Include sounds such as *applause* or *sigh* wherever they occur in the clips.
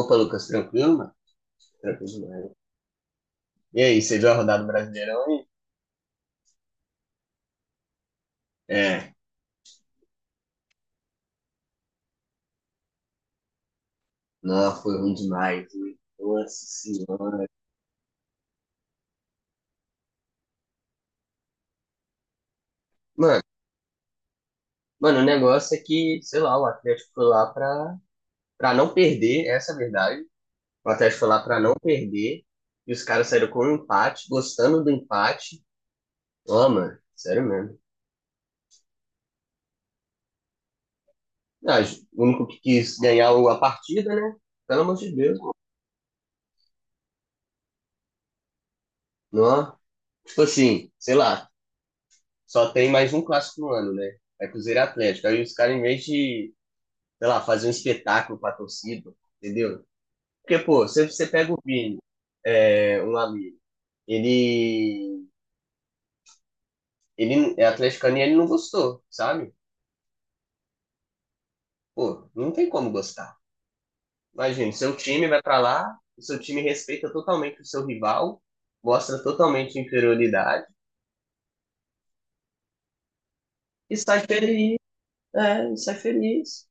Opa, Lucas, tranquilo, mano? Tranquilo, mano. E aí, você viu a rodada do Brasileirão aí? É. Nossa, foi ruim demais, hein? Nossa senhora. Mano, mano, o negócio é que, sei lá, o Atlético foi lá pra não perder, essa é a verdade. O Atlético foi lá pra não perder, e os caras saíram com um empate, gostando do empate. Ó, mano, sério mesmo. Ah, o único que quis ganhar a partida, né? Pelo amor de Deus. Não, tipo assim, sei lá, só tem mais um clássico no ano, né? É Cruzeiro e Atlético. Aí os caras, em vez de, sei lá, fazer um espetáculo pra torcida, entendeu? Porque, pô, se você pega o Vini, é, um amigo, ele, ele é atleticano e ele não gostou, sabe? Pô, não tem como gostar. Imagina, seu time vai pra lá, o seu time respeita totalmente o seu rival, mostra totalmente inferioridade e sai feliz, é, e sai feliz.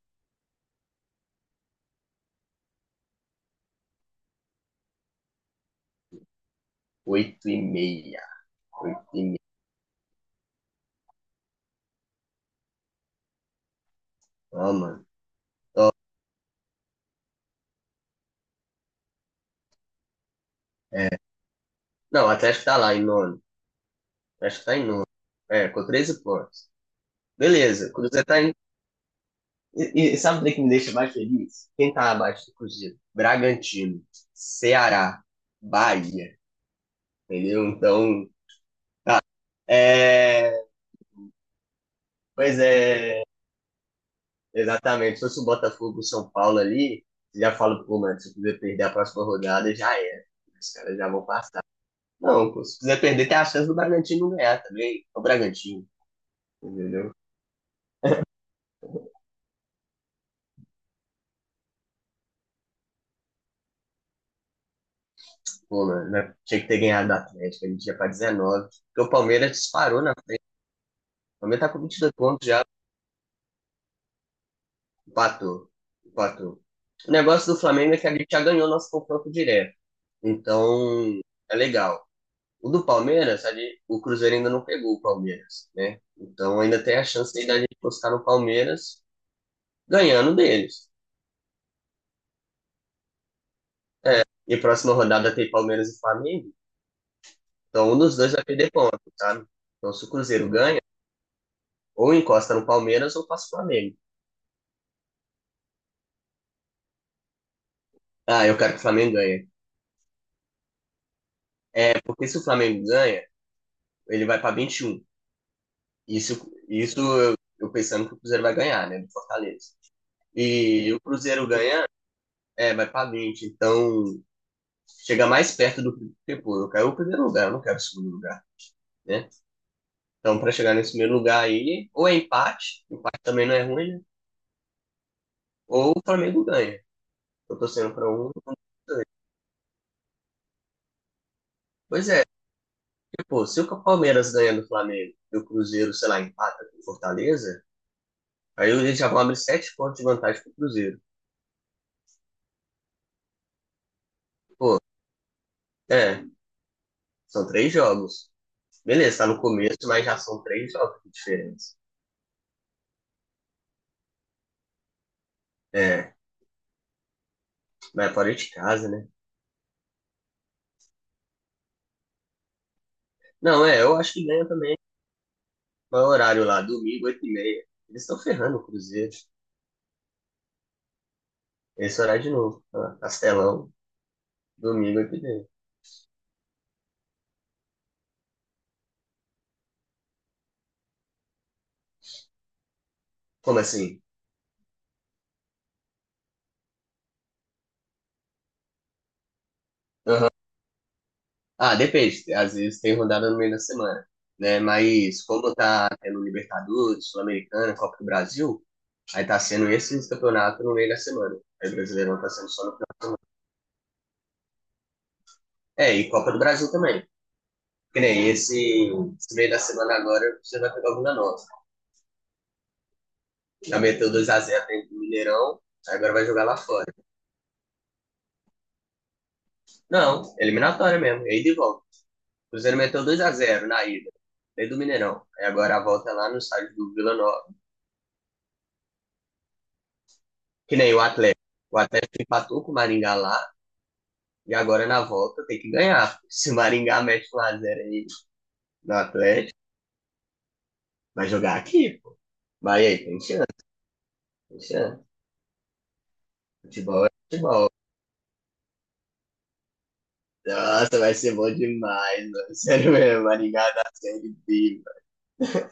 Oito e meia, oito e meia, ó, mano. É. Não, o Atlético tá lá em nono. Acho que tá em nono. É, com 13 pontos. Beleza, o Cruzeiro tá em. E sabe o que me deixa mais feliz? Quem tá abaixo do Cruzeiro? Bragantino, Ceará, Bahia, entendeu? Então, é. Pois é, exatamente. Se fosse o Botafogo, o São Paulo ali, você já fala, pô, mano, se o Cruzeiro perder a próxima rodada, já é. Os caras já vão passar. Não, pô, se quiser perder, tem a chance do Bragantino ganhar também. É o Bragantino, entendeu? Pô, mano, né? Tinha que ter ganhado do Atlético, a gente ia pra 19. Porque o Palmeiras disparou, né? O Palmeiras tá com 22 pontos já, empatou. Empatou. O negócio do Flamengo é que a gente já ganhou nosso confronto direto. Então, é legal. O do Palmeiras, ali, o Cruzeiro ainda não pegou o Palmeiras, né? Então ainda tem a chance aí da gente postar no Palmeiras ganhando deles. É, e próxima rodada tem Palmeiras e Flamengo. Então um dos dois vai perder ponto, sabe? Então se o Cruzeiro ganha, ou encosta no Palmeiras ou passa o Flamengo. Ah, eu quero que o Flamengo ganhe. Porque se o Flamengo ganha, ele vai para 21. Isso eu pensando que o Cruzeiro vai ganhar, né? Do Fortaleza. E o Cruzeiro ganha, é, vai para 20. Então, chega mais perto do que, pô, eu quero o primeiro lugar, eu não quero o segundo lugar, né? Então, para chegar nesse primeiro lugar aí, ou é empate, empate também não é ruim, né? Ou o Flamengo ganha. Eu tô sendo para um. Pois é, porque, pô, se o Palmeiras ganha do Flamengo e o Cruzeiro, sei lá, empata com o Fortaleza, aí eles já vão abrir sete pontos de vantagem pro Cruzeiro. Pô, é, são três jogos. Beleza, tá no começo, mas já são três jogos de diferença. É, mas é fora de casa, né? Não, é, eu acho que ganha também. Qual é o horário lá? Domingo, oito e meia. Eles estão ferrando o Cruzeiro. Esse horário de novo. Ah, Castelão, domingo, oito e meia. Como assim? Aham. Ah, depende. Às vezes tem rodada no meio da semana, né? Mas como tá tendo Libertadores, Sul-Americana, Copa do Brasil, aí tá sendo esses campeonatos no meio da semana. Aí o Brasileirão tá sendo só no final. É, e Copa do Brasil também. Que nem esse meio da semana agora, você vai pegar alguma nova. Já meteu dois a zero dentro do Mineirão, agora vai jogar lá fora. Não, eliminatória mesmo, e aí de volta. O Cruzeiro meteu dois a zero na ida, dentro do Mineirão. Aí agora a volta é lá no estádio do Vila Nova. Que nem o Atlético. O Atlético empatou com o Maringá lá, e agora na volta tem que ganhar. Se o Maringá mete 1 a zero aí no Atlético, vai jogar aqui, pô. Vai aí, tem chance, tem chance. Futebol é futebol. Nossa, vai ser bom demais, mano. *laughs* Sério mesmo, Maringá da Série B, mano.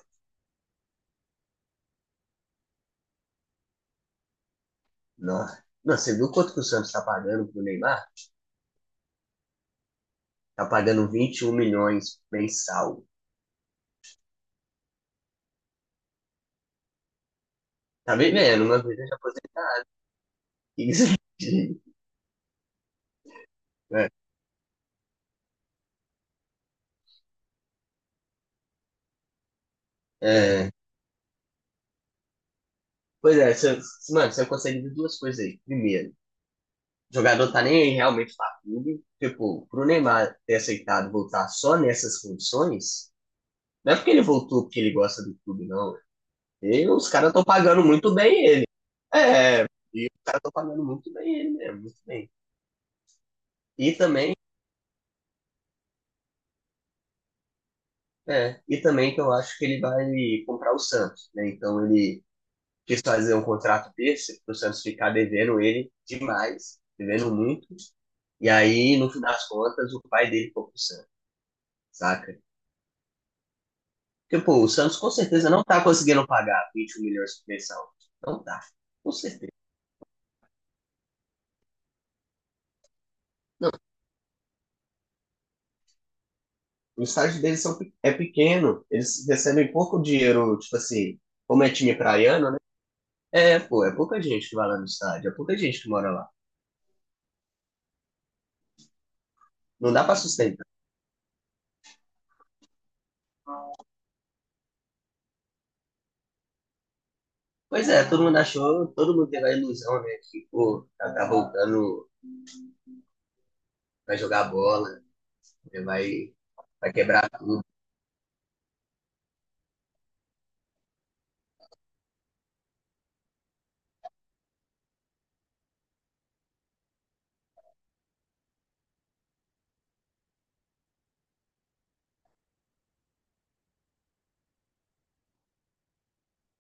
Nossa. Não, você viu quanto que o Santos tá pagando pro Neymar? Tá pagando 21 milhões mensal. Tá vivendo uma vida de aposentado. *laughs* isso aqui, né? *laughs* É. Pois é, você, mano, você consegue ver duas coisas aí. Primeiro, o jogador tá nem aí realmente pra clube. Tipo, pro Neymar ter aceitado voltar só nessas condições, não é porque ele voltou porque ele gosta do clube, não. E os caras estão pagando muito bem ele. É, e os caras estão pagando muito bem ele mesmo, muito bem. E também, e também que eu acho que ele vai comprar o Santos, né? Então ele quis fazer um contrato desse para o Santos ficar devendo ele demais, devendo muito. E aí, no fim das contas, o pai dele foi pro Santos, saca? Porque, pô, o Santos com certeza não tá conseguindo pagar 21 milhões de pensão. Não tá. Com certeza. O estágio deles são, é pequeno, eles recebem pouco dinheiro, tipo assim, como é time praiano, né? É, pô, é pouca gente que vai lá no estádio, é pouca gente que mora lá. Não dá pra sustentar. Pois é, todo mundo achou, todo mundo teve a ilusão, né, que, pô, tá, tá voltando, vai jogar bola, né, vai quebrar tudo.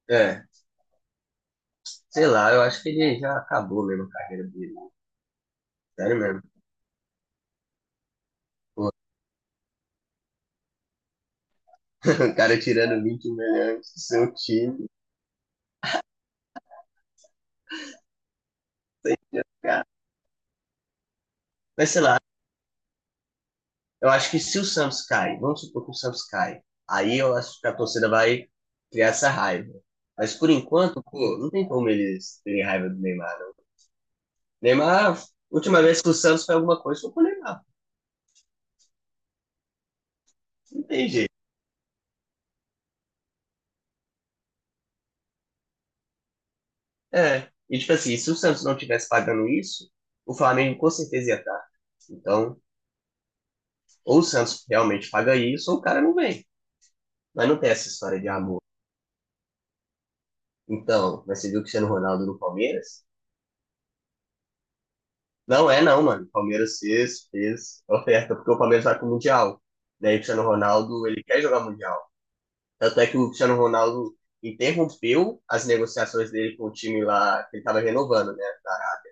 É, sei lá, eu acho que ele já acabou mesmo a carreira dele. Sério mesmo. *laughs* o cara tirando 20 milhões do seu time, cara. Mas sei lá, eu acho que se o Santos cai, vamos supor que o Santos cai, aí eu acho que a torcida vai criar essa raiva. Mas por enquanto, pô, não tem como eles terem raiva do Neymar, não. Neymar, última vez que o Santos fez alguma coisa, foi com o Neymar. Não tem jeito. É. E tipo assim, se o Santos não tivesse pagando isso, o Flamengo com certeza ia estar. Então, ou o Santos realmente paga isso, ou o cara não vem. Mas não tem essa história de amor. Então, mas você viu o Cristiano Ronaldo no Palmeiras? Não é não, mano. O Palmeiras fez oferta, porque o Palmeiras vai pro Mundial. Daí o Cristiano Ronaldo, ele quer jogar Mundial. Tanto é que o Cristiano Ronaldo interrompeu as negociações dele com o time lá, que ele tava renovando, né, da Arábia.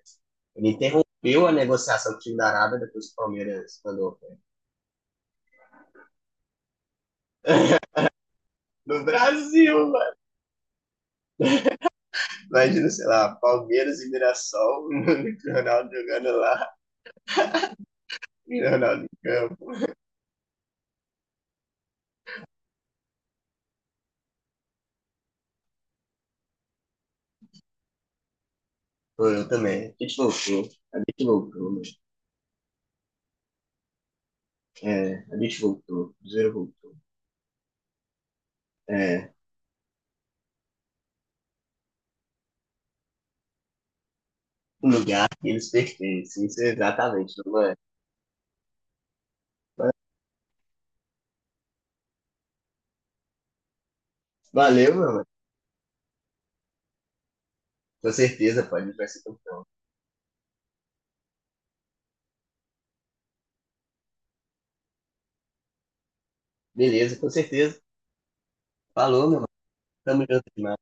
Ele interrompeu a negociação com o time da Arábia depois que o Palmeiras mandou a oferta. *laughs* No Brasil, mano. Imagina, sei lá, Palmeiras e Mirassol, *laughs* o Cristiano Ronaldo jogando lá, e o Cristiano Ronaldo em campo. Pô, eu também. A gente loucou, mano. É, a gente voltou, o Cruzeiro voltou. É, um lugar que eles pertencem, isso é exatamente, não é? Mas valeu, meu mano. Com certeza, pode, a gente vai ser campeão. Beleza, com certeza. Falou, meu mano. Tamo junto demais.